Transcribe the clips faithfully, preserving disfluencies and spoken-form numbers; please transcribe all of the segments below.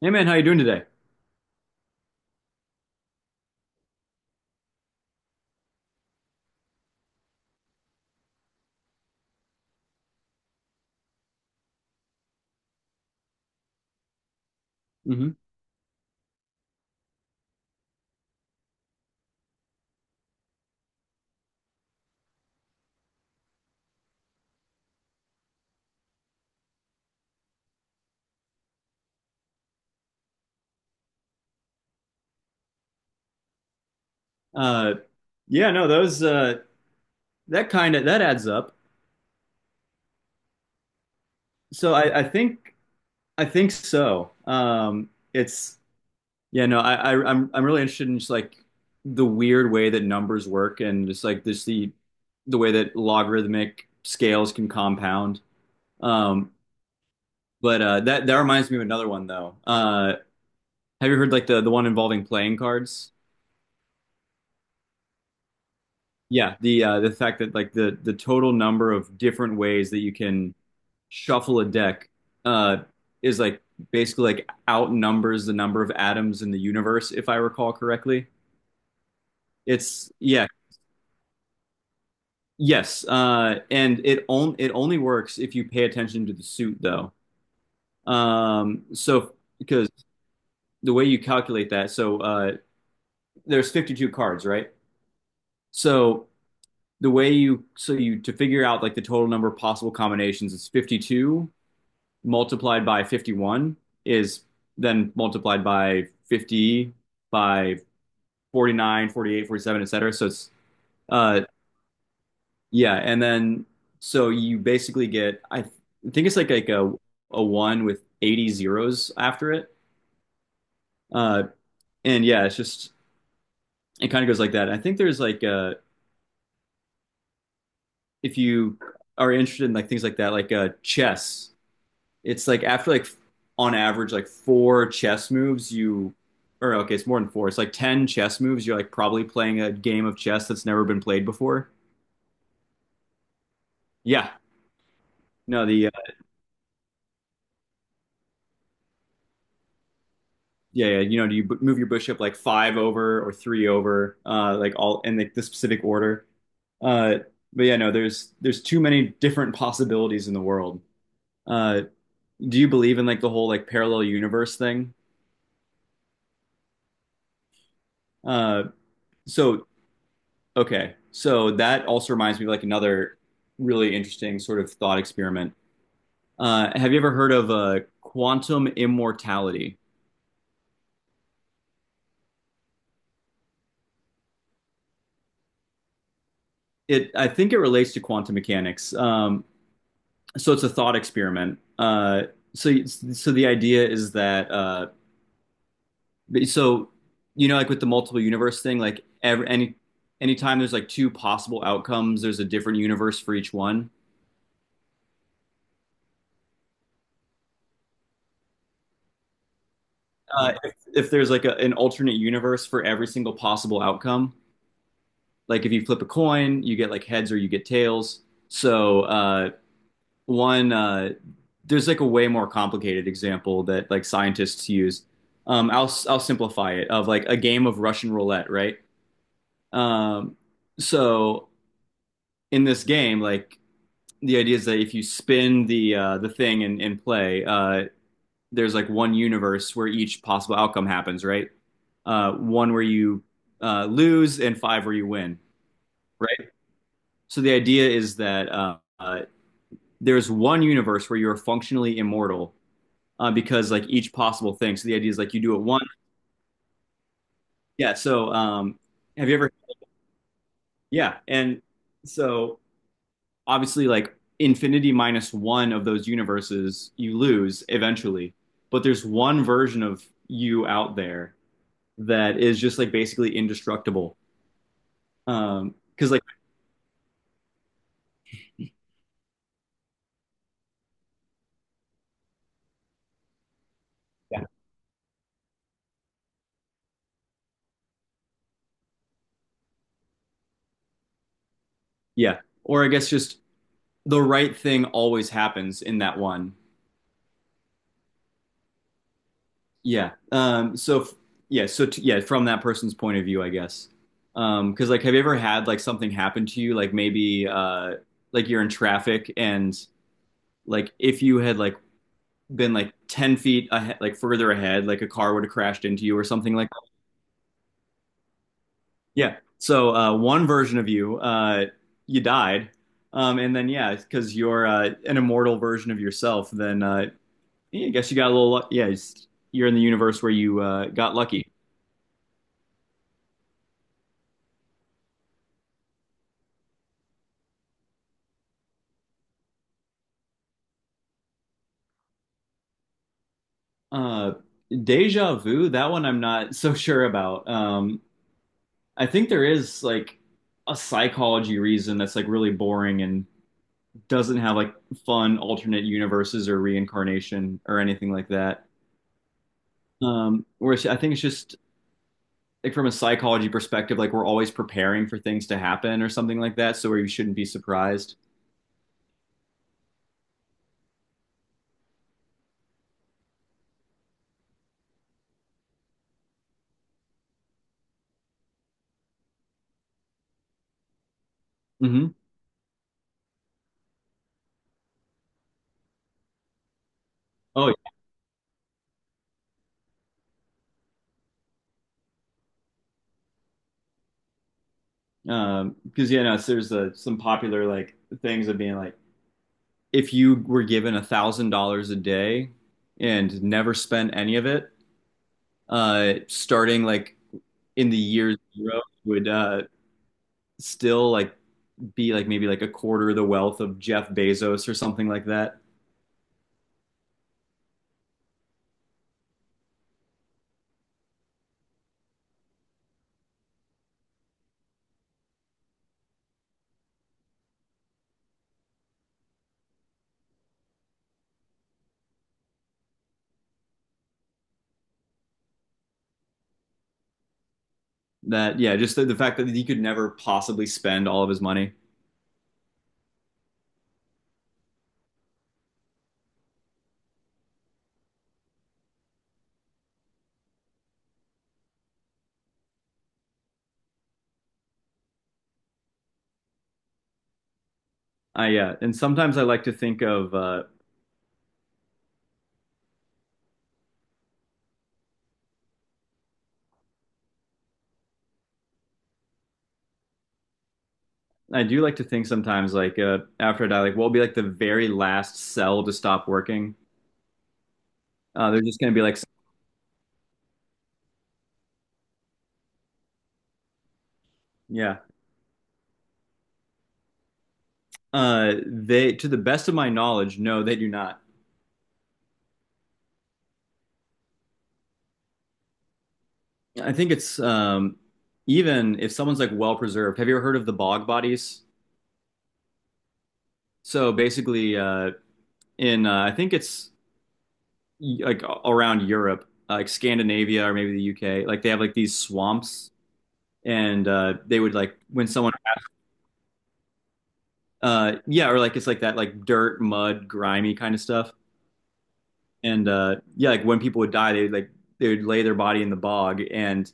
Hey man, how you doing today? Hmm. Uh, yeah, no, those, uh, that kind of that adds up. So I, I think I think so. Um, it's Yeah, no, I, I I'm I'm really interested in just like the weird way that numbers work and just like this the the way that logarithmic scales can compound. Um, but uh, that that reminds me of another one though. Uh, have you heard like the the one involving playing cards? Yeah, the uh, the fact that like the the total number of different ways that you can shuffle a deck uh, is like basically like outnumbers the number of atoms in the universe, if I recall correctly. It's Yeah, yes, uh, and it on, it only works if you pay attention to the suit though. Um, so, because the way you calculate that, so uh, there's fifty-two cards, right? So the way you so you to figure out like the total number of possible combinations is fifty-two multiplied by fifty-one, is then multiplied by fifty, by forty nine, forty eight, forty seven, forty-eight, forty-seven, etc. So it's uh yeah, and then so you basically get i th- think it's like like a a one with eighty zeros after it. uh and yeah, it's just it kind of goes like that. I think there's like uh if you are interested in like things like that like uh chess. It's like after like on average like four chess moves you, or okay, it's more than four. It's like ten chess moves. You're like probably playing a game of chess that's never been played before. Yeah. No, the uh, yeah, yeah, you know, do you b- move your bishop like five over or three over, uh, like all in like the specific order. Uh, but yeah, no, there's there's too many different possibilities in the world. Uh, do you believe in like the whole like parallel universe thing? Uh, so Okay. So that also reminds me of like another really interesting sort of thought experiment. Uh, have you ever heard of uh, quantum immortality? It, I think it relates to quantum mechanics. Um, so it's a thought experiment. Uh, so, so the idea is that, uh, so, you know, like with the multiple universe thing, like every, any, anytime there's like two possible outcomes, there's a different universe for each one. Uh, if, if there's like a, an alternate universe for every single possible outcome, like if you flip a coin, you get like heads or you get tails. So uh, one uh, there's like a way more complicated example that like scientists use. Um, I'll I'll simplify it of like a game of Russian roulette, right? Um, so in this game, like the idea is that if you spin the uh, the thing and, and play, uh, there's like one universe where each possible outcome happens, right? Uh, one where you uh, lose and five where you win, right? So the idea is that uh, uh, there's one universe where you're functionally immortal uh, because like each possible thing. So the idea is like you do it one. Yeah. So um, have you ever? Yeah. And so obviously like infinity minus one of those universes you lose eventually, but there's one version of you out there that is just like basically indestructible. Um, because like Yeah, yeah. Or I guess just the right thing always happens in that one. Yeah. Um, so f- yeah. So t- yeah, from that person's point of view, I guess. Um, 'cause like, have you ever had like something happen to you? Like maybe uh, like you're in traffic and like if you had like been like ten feet ahead, like further ahead, like a car would have crashed into you or something like that. Yeah. So uh, one version of you, uh, you died. Um, and then yeah, because you're uh, an immortal version of yourself, then uh, yeah, I guess you got a little luck. Yeah, it's- you're in the universe where you uh, got lucky. Uh, Deja Vu, that one I'm not so sure about. Um, I think there is like a psychology reason that's like really boring and doesn't have like fun alternate universes or reincarnation or anything like that. Um, whereas I think it's just like from a psychology perspective, like we're always preparing for things to happen or something like that, so where you shouldn't be surprised. Hmm. Oh, yeah. Um, because yeah, no, so there's uh, some popular like things of being like. If you were given a thousand dollars a day and never spent any of it, uh, starting like in the year zero would uh, still like be like maybe like a quarter of the wealth of Jeff Bezos or something like that. That yeah, just the, the fact that he could never possibly spend all of his money. I Yeah, uh, and sometimes I like to think of. Uh, I do like to think sometimes like uh, after I die, like what will be like the very last cell to stop working. Uh, they're just gonna be like, yeah. Uh, they, to the best of my knowledge, no, they do not. I think it's um, even if someone's like well preserved. Have you ever heard of the bog bodies? So basically, uh, in uh, I think it's like around Europe, uh, like Scandinavia or maybe the U K, like they have like these swamps, and uh, they would like when someone, uh, yeah, or like it's like that like dirt, mud, grimy kind of stuff, and uh, yeah, like when people would die, they would like they would lay their body in the bog, and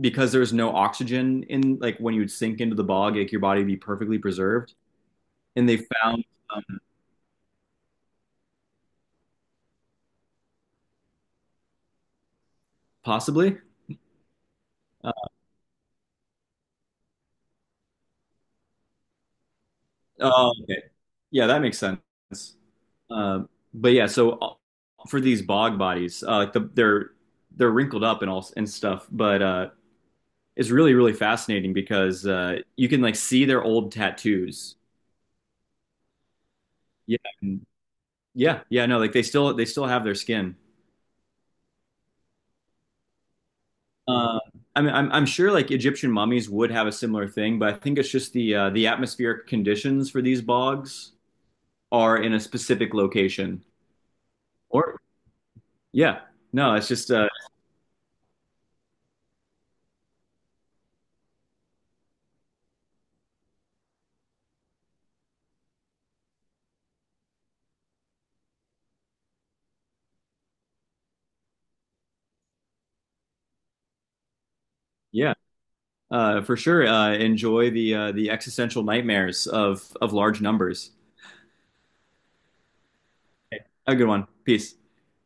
because there's no oxygen in like when you would sink into the bog, like your body would be perfectly preserved. And they found, um, possibly. Uh, oh, okay. Yeah, that makes sense. Um, but yeah, so uh, for these bog bodies, uh, like the, they're they're wrinkled up and all and stuff, but uh, it's really really fascinating because uh, you can like see their old tattoos. Yeah, and- yeah, yeah. No, like they still they still have their skin. Uh, I mean, I'm, I'm sure like Egyptian mummies would have a similar thing, but I think it's just the uh, the atmospheric conditions for these bogs are in a specific location. Or yeah, no, it's just uh, yeah, uh, for sure. Uh, enjoy the uh, the existential nightmares of of large numbers. Okay. Have a good one. Peace.